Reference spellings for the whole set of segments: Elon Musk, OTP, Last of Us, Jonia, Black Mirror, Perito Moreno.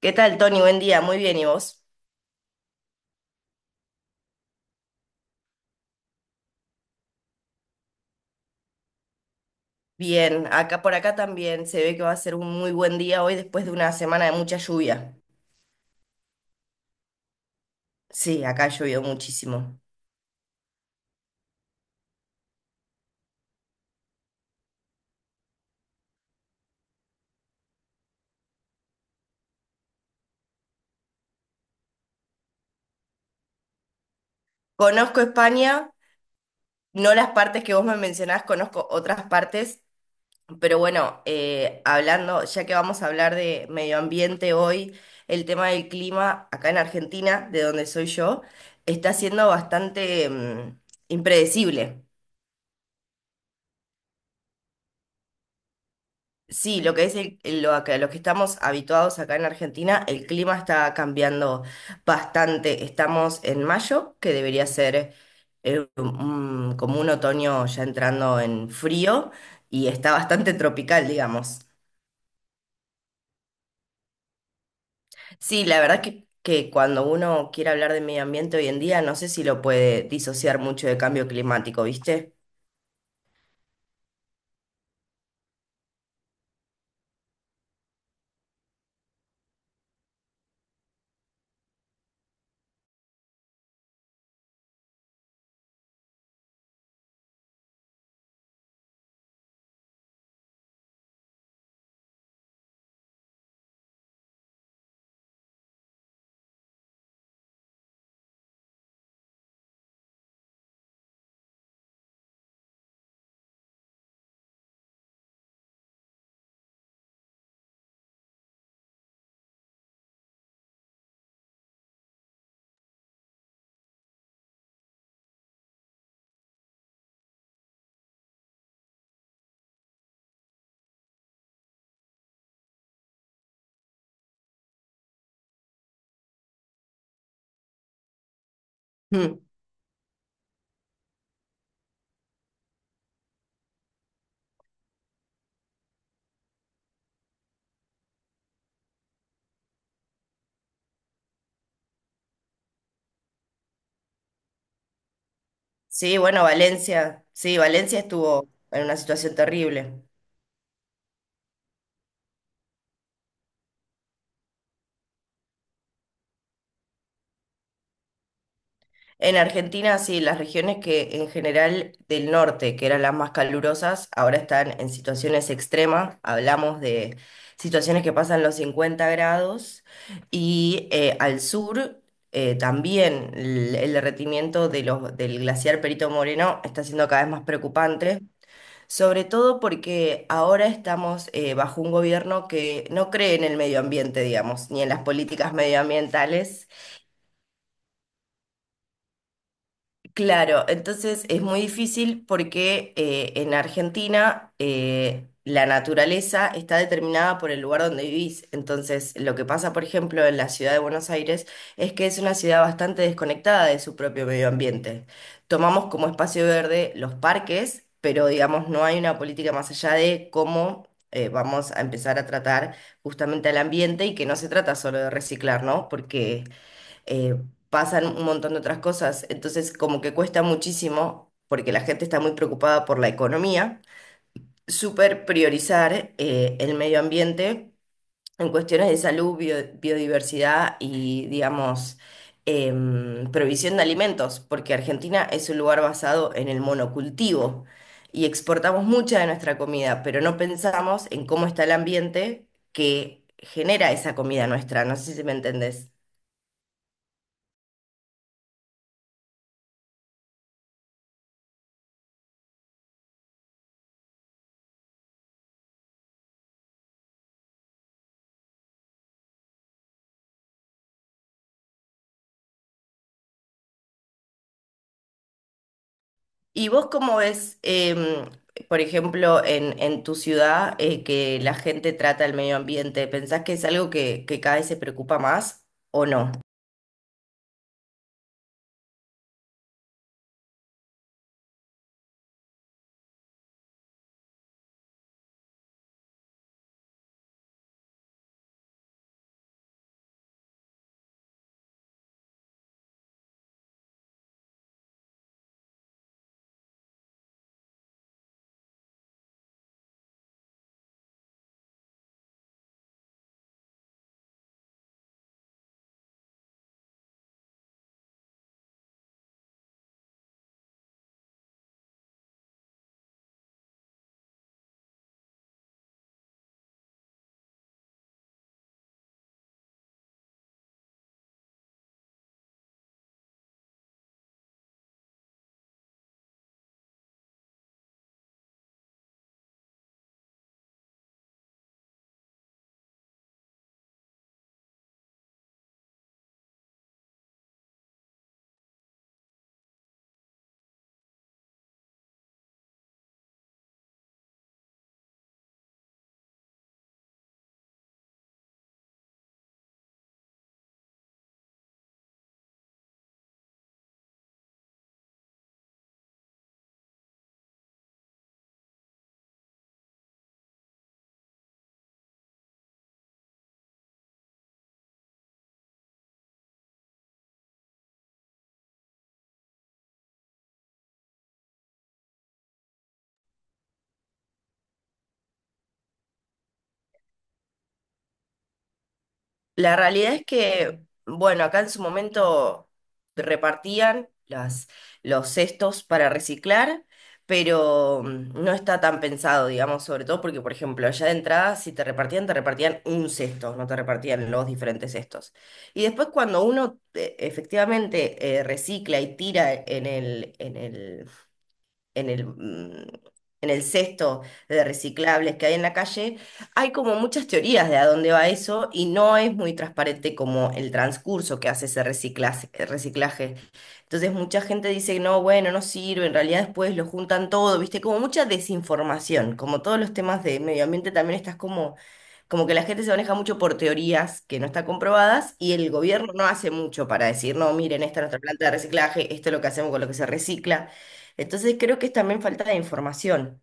¿Qué tal, Tony? Buen día, muy bien, ¿y vos? Bien, acá por acá también se ve que va a ser un muy buen día hoy después de una semana de mucha lluvia. Sí, acá ha llovido muchísimo. Conozco España, no las partes que vos me mencionás, conozco otras partes, pero bueno, hablando, ya que vamos a hablar de medio ambiente hoy, el tema del clima acá en Argentina, de donde soy yo, está siendo bastante, impredecible. Sí, lo que es el- lo que, los que estamos habituados acá en Argentina, el clima está cambiando bastante. Estamos en mayo, que debería ser como un otoño ya entrando en frío y está bastante tropical, digamos. Sí, la verdad que cuando uno quiere hablar de medio ambiente hoy en día, no sé si lo puede disociar mucho de cambio climático, ¿viste? Mm. Sí, bueno, Valencia, sí, Valencia estuvo en una situación terrible. En Argentina, sí, las regiones que en general del norte, que eran las más calurosas, ahora están en situaciones extremas. Hablamos de situaciones que pasan los 50 grados y al sur también el derretimiento de del glaciar Perito Moreno está siendo cada vez más preocupante, sobre todo porque ahora estamos bajo un gobierno que no cree en el medio ambiente, digamos, ni en las políticas medioambientales. Claro, entonces es muy difícil porque en Argentina la naturaleza está determinada por el lugar donde vivís. Entonces, lo que pasa, por ejemplo, en la ciudad de Buenos Aires es que es una ciudad bastante desconectada de su propio medio ambiente. Tomamos como espacio verde los parques, pero digamos no hay una política más allá de cómo, vamos a empezar a tratar justamente al ambiente, y que no se trata solo de reciclar, ¿no? Porque eh, pasan un montón de otras cosas. Entonces, como que cuesta muchísimo, porque la gente está muy preocupada por la economía, súper priorizar el medio ambiente en cuestiones de salud, biodiversidad y, digamos, provisión de alimentos, porque Argentina es un lugar basado en el monocultivo. Y exportamos mucha de nuestra comida, pero no pensamos en cómo está el ambiente que genera esa comida nuestra. No sé si me entendés. ¿Y vos cómo ves, por ejemplo, en tu ciudad, que la gente trata el medio ambiente? ¿Pensás que es algo que cada vez se preocupa más o no? La realidad es que, bueno, acá en su momento repartían los cestos para reciclar, pero no está tan pensado, digamos, sobre todo porque, por ejemplo, allá de entrada, si te repartían, te repartían un cesto, no te repartían los diferentes cestos. Y después cuando uno efectivamente recicla y tira en el, mm, en el cesto de reciclables que hay en la calle, hay como muchas teorías de a dónde va eso, y no es muy transparente como el transcurso que hace ese reciclaje. Entonces mucha gente dice, no, bueno, no sirve, en realidad después lo juntan todo, ¿viste? Como mucha desinformación, como todos los temas de medio ambiente también estás como... Como que la gente se maneja mucho por teorías que no están comprobadas, y el gobierno no hace mucho para decir, no, miren, esta es nuestra planta de reciclaje, esto es lo que hacemos con lo que se recicla. Entonces creo que es también falta de información.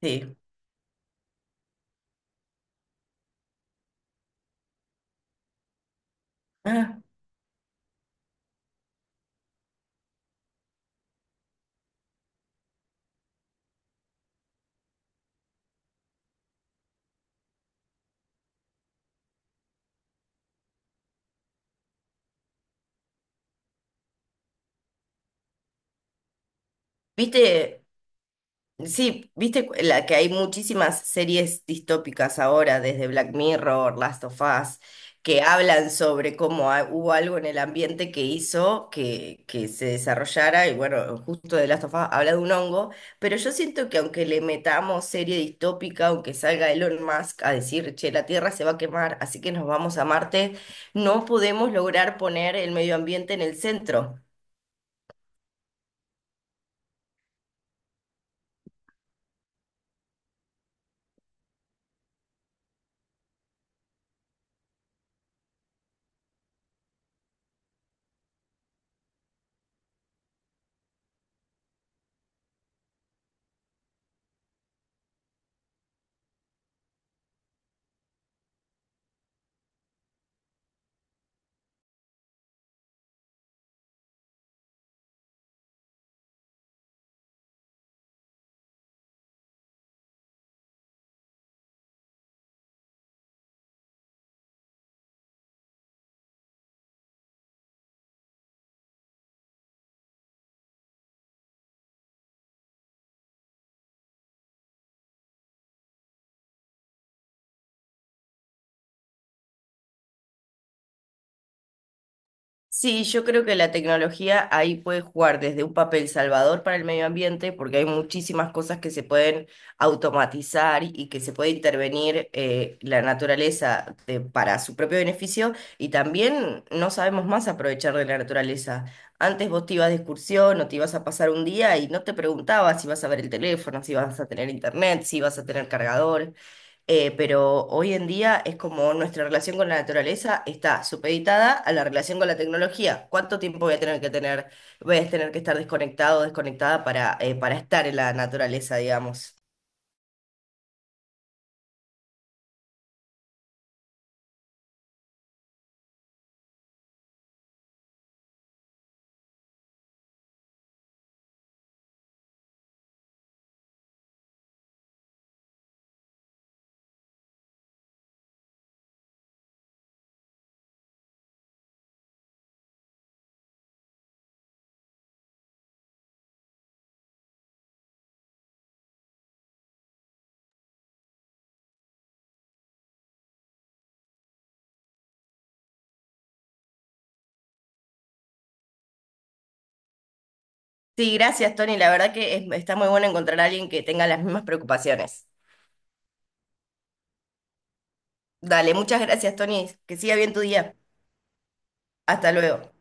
Sí. Ah, viste. Sí, viste que hay muchísimas series distópicas ahora, desde Black Mirror, Last of Us, que hablan sobre cómo hubo algo en el ambiente que hizo que se desarrollara, y bueno, justo de Last of Us habla de un hongo, pero yo siento que aunque le metamos serie distópica, aunque salga Elon Musk a decir, che, la Tierra se va a quemar, así que nos vamos a Marte, no podemos lograr poner el medio ambiente en el centro. Sí, yo creo que la tecnología ahí puede jugar desde un papel salvador para el medio ambiente, porque hay muchísimas cosas que se pueden automatizar y que se puede intervenir la naturaleza para su propio beneficio, y también no sabemos más aprovechar de la naturaleza. Antes vos te ibas de excursión o te ibas a pasar un día y no te preguntabas si vas a ver el teléfono, si vas a tener internet, si vas a tener cargador. Pero hoy en día es como nuestra relación con la naturaleza está supeditada a la relación con la tecnología. ¿Cuánto tiempo voy a tener que tener, voy a tener que estar desconectado o desconectada para estar en la naturaleza, digamos? Sí, gracias, Tony. La verdad que está muy bueno encontrar a alguien que tenga las mismas preocupaciones. Dale, muchas gracias, Tony. Que siga bien tu día. Hasta luego.